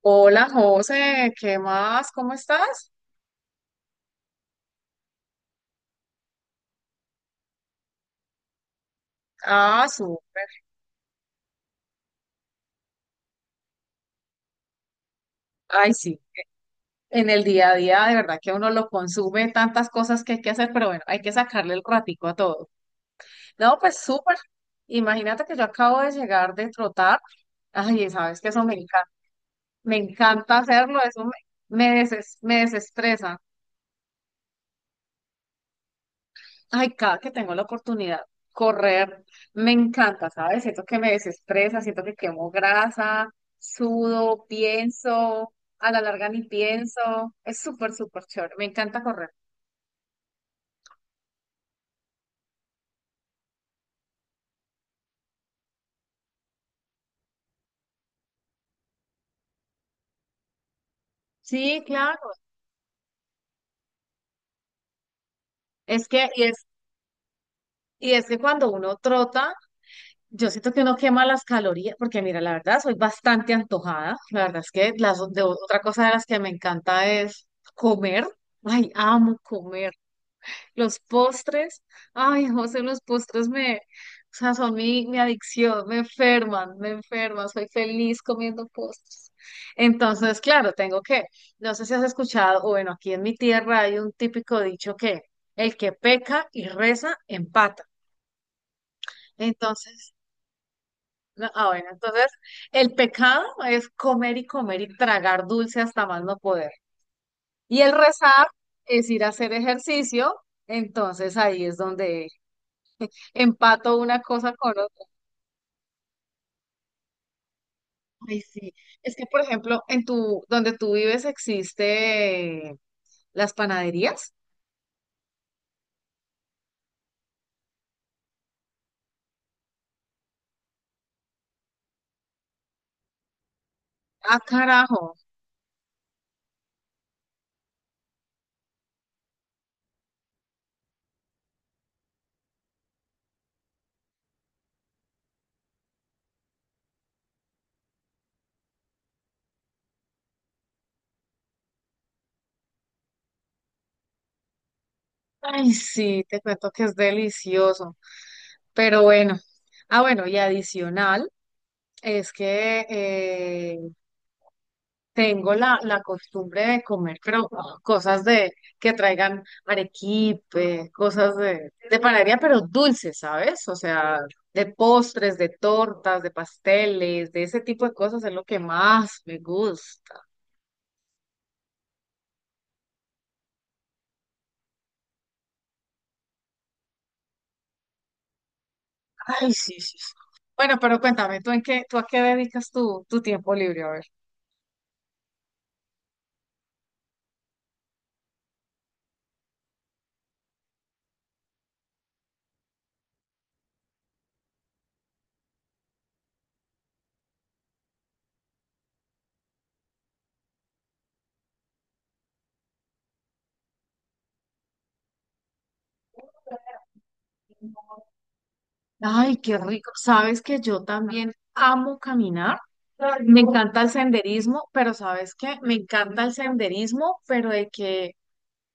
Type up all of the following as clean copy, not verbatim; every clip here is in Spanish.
Hola José, ¿qué más? ¿Cómo estás? Ah, súper. Ay, sí. En el día a día, de verdad que uno lo consume tantas cosas que hay que hacer, pero bueno, hay que sacarle el ratico a todo. No, pues súper. Imagínate que yo acabo de llegar de trotar. Ay, sabes que eso me encanta. Me encanta hacerlo, eso me desestresa. Ay, cada que tengo la oportunidad, correr me encanta, ¿sabes? Siento que me desestresa, siento que quemo grasa, sudo, pienso, a la larga ni pienso. Es súper, súper chévere, me encanta correr. Sí, claro. Es que, y es que cuando uno trota, yo siento que uno quema las calorías, porque mira, la verdad, soy bastante antojada. La verdad es que otra cosa de las que me encanta es comer. Ay, amo comer. Los postres, ay, José, o sea, son mi adicción, me enferman, soy feliz comiendo postres. Entonces, claro, no sé si has escuchado, o bueno, aquí en mi tierra hay un típico dicho que el que peca y reza, empata. Entonces, bueno, entonces el pecado es comer y comer y tragar dulce hasta más no poder. Y el rezar es ir a hacer ejercicio, entonces ahí es donde empato una cosa con otra. Ay, sí. Es que, por ejemplo, donde tú vives existe las panaderías. Ah, carajo. Ay, sí, te cuento que es delicioso. Pero bueno. Ah, bueno, y adicional es que tengo la costumbre de comer, pero cosas de que traigan arequipe, cosas de panadería, pero dulces, ¿sabes? O sea, de postres, de tortas, de pasteles, de ese tipo de cosas es lo que más me gusta. Ay, sí, sí, sí. Bueno, pero cuéntame, ¿tú a qué dedicas tu tiempo libre? A ver. Ay, qué rico. Sabes que yo también amo caminar. Me encanta el senderismo, pero ¿sabes qué? Me encanta el senderismo, pero de que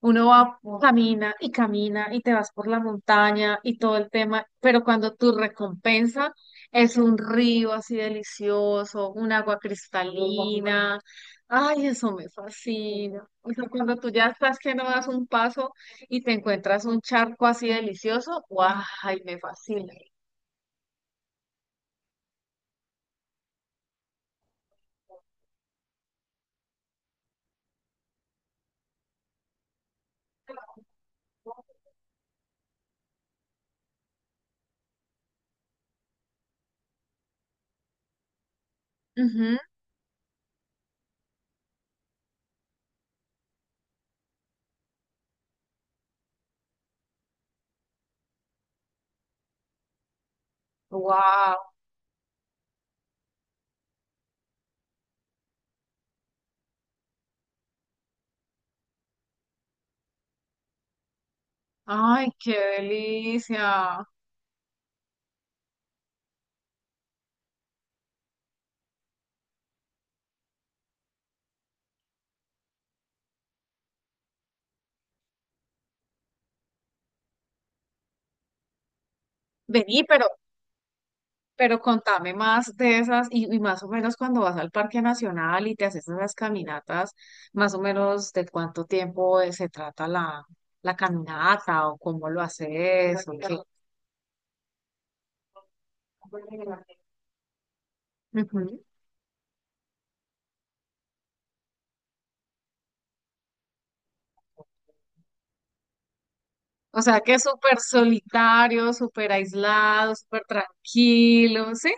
Uno va, camina y camina y te vas por la montaña y todo el tema, pero cuando tu recompensa es un río así delicioso, un agua cristalina, ay, eso me fascina. O sea, cuando tú ya estás que no das un paso y te encuentras un charco así delicioso, guau, ay, me fascina. Ujú. Wow, ay, qué delicia. Vení, pero contame más de esas y más o menos cuando vas al Parque Nacional y te haces esas caminatas, más o menos de cuánto tiempo se trata la caminata o cómo lo haces o qué. Ujú. O sea que es súper solitario, súper aislado, súper tranquilo, ¿sí?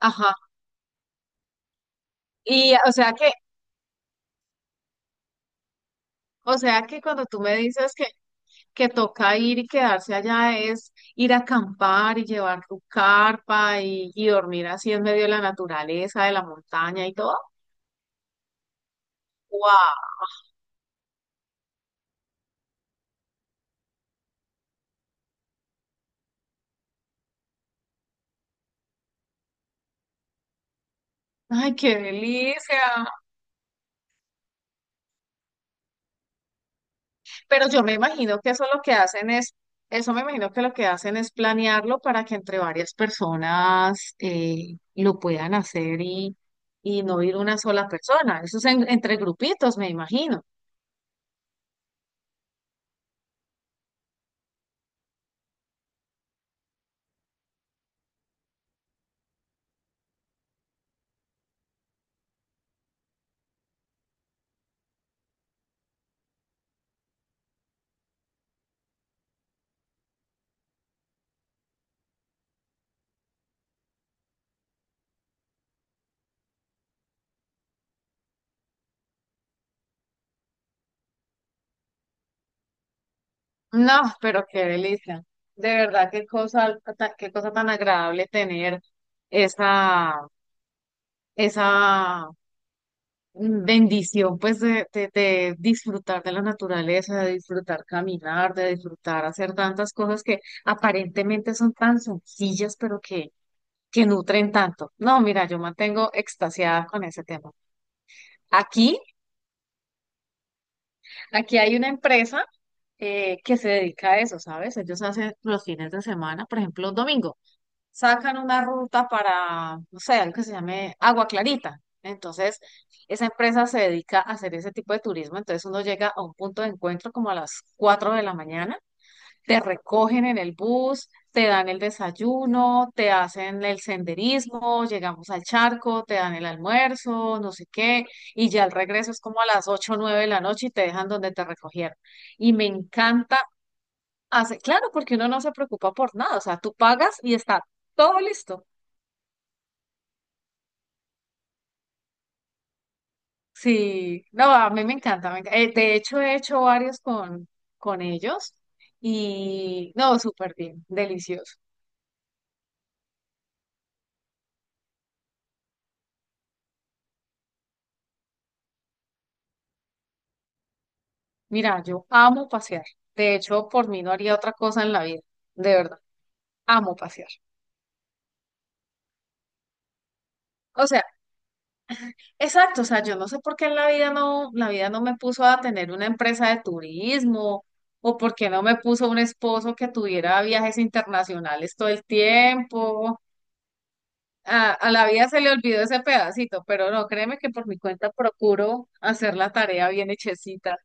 Ajá. Y o sea que, o sea que cuando tú me dices que toca ir y quedarse allá es ir a acampar y llevar tu carpa y dormir así en medio de la naturaleza, de la montaña y todo. ¡Wow! ¡Ay, qué delicia! Pero yo me imagino que eso lo que hacen es, eso me imagino que lo que hacen es planearlo para que entre varias personas lo puedan hacer y no ir una sola persona. Entre grupitos, me imagino. No, pero qué delicia. De verdad, qué cosa tan agradable tener esa, esa bendición, pues, de disfrutar de la naturaleza, de disfrutar caminar, de disfrutar hacer tantas cosas que aparentemente son tan sencillas, pero que nutren tanto. No, mira, yo mantengo extasiada con ese tema. Aquí, aquí hay una empresa que se dedica a eso, ¿sabes? Ellos hacen los fines de semana, por ejemplo, domingos. Sacan una ruta para, no sé, algo que se llame Agua Clarita. Entonces, esa empresa se dedica a hacer ese tipo de turismo. Entonces, uno llega a un punto de encuentro como a las 4 de la mañana, te recogen en el bus, te dan el desayuno, te hacen el senderismo, llegamos al charco, te dan el almuerzo, no sé qué, y ya el regreso es como a las 8 o 9 de la noche y te dejan donde te recogieron. Y me encanta hacer, claro, porque uno no se preocupa por nada, o sea, tú pagas y está todo listo. Sí, no, a mí me encanta. De hecho, he hecho varios con ellos y no, súper bien, delicioso. Mira, yo amo pasear. De hecho, por mí no haría otra cosa en la vida. De verdad, amo pasear. O sea, exacto, o sea, yo no sé por qué en la vida no me puso a tener una empresa de turismo o por qué no me puso un esposo que tuviera viajes internacionales todo el tiempo. A la vida se le olvidó ese pedacito, pero no, créeme que por mi cuenta procuro hacer la tarea bien hechecita.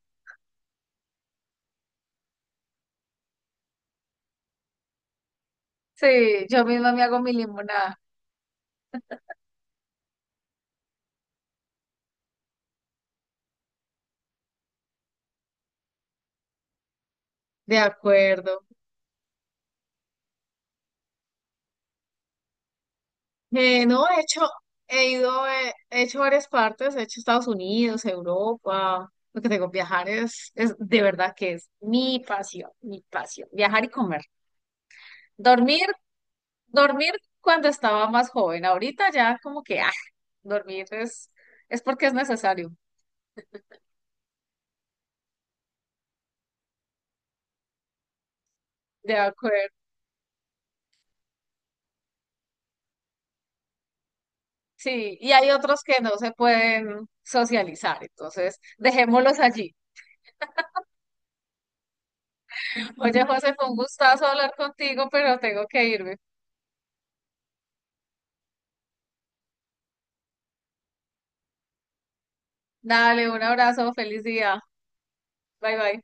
Sí, yo misma me hago mi limonada. De acuerdo. No, he hecho, he ido, he hecho varias partes, he hecho Estados Unidos, Europa. Lo que tengo, viajar es de verdad que es mi pasión, mi pasión. Viajar y comer. Dormir, dormir cuando estaba más joven. Ahorita ya como que, ah, dormir es, es porque es necesario. De acuerdo. Sí, y hay otros que no se pueden socializar, entonces dejémoslos allí. Oye, José, fue un gustazo hablar contigo, pero tengo que irme. Dale, un abrazo, feliz día. Bye bye.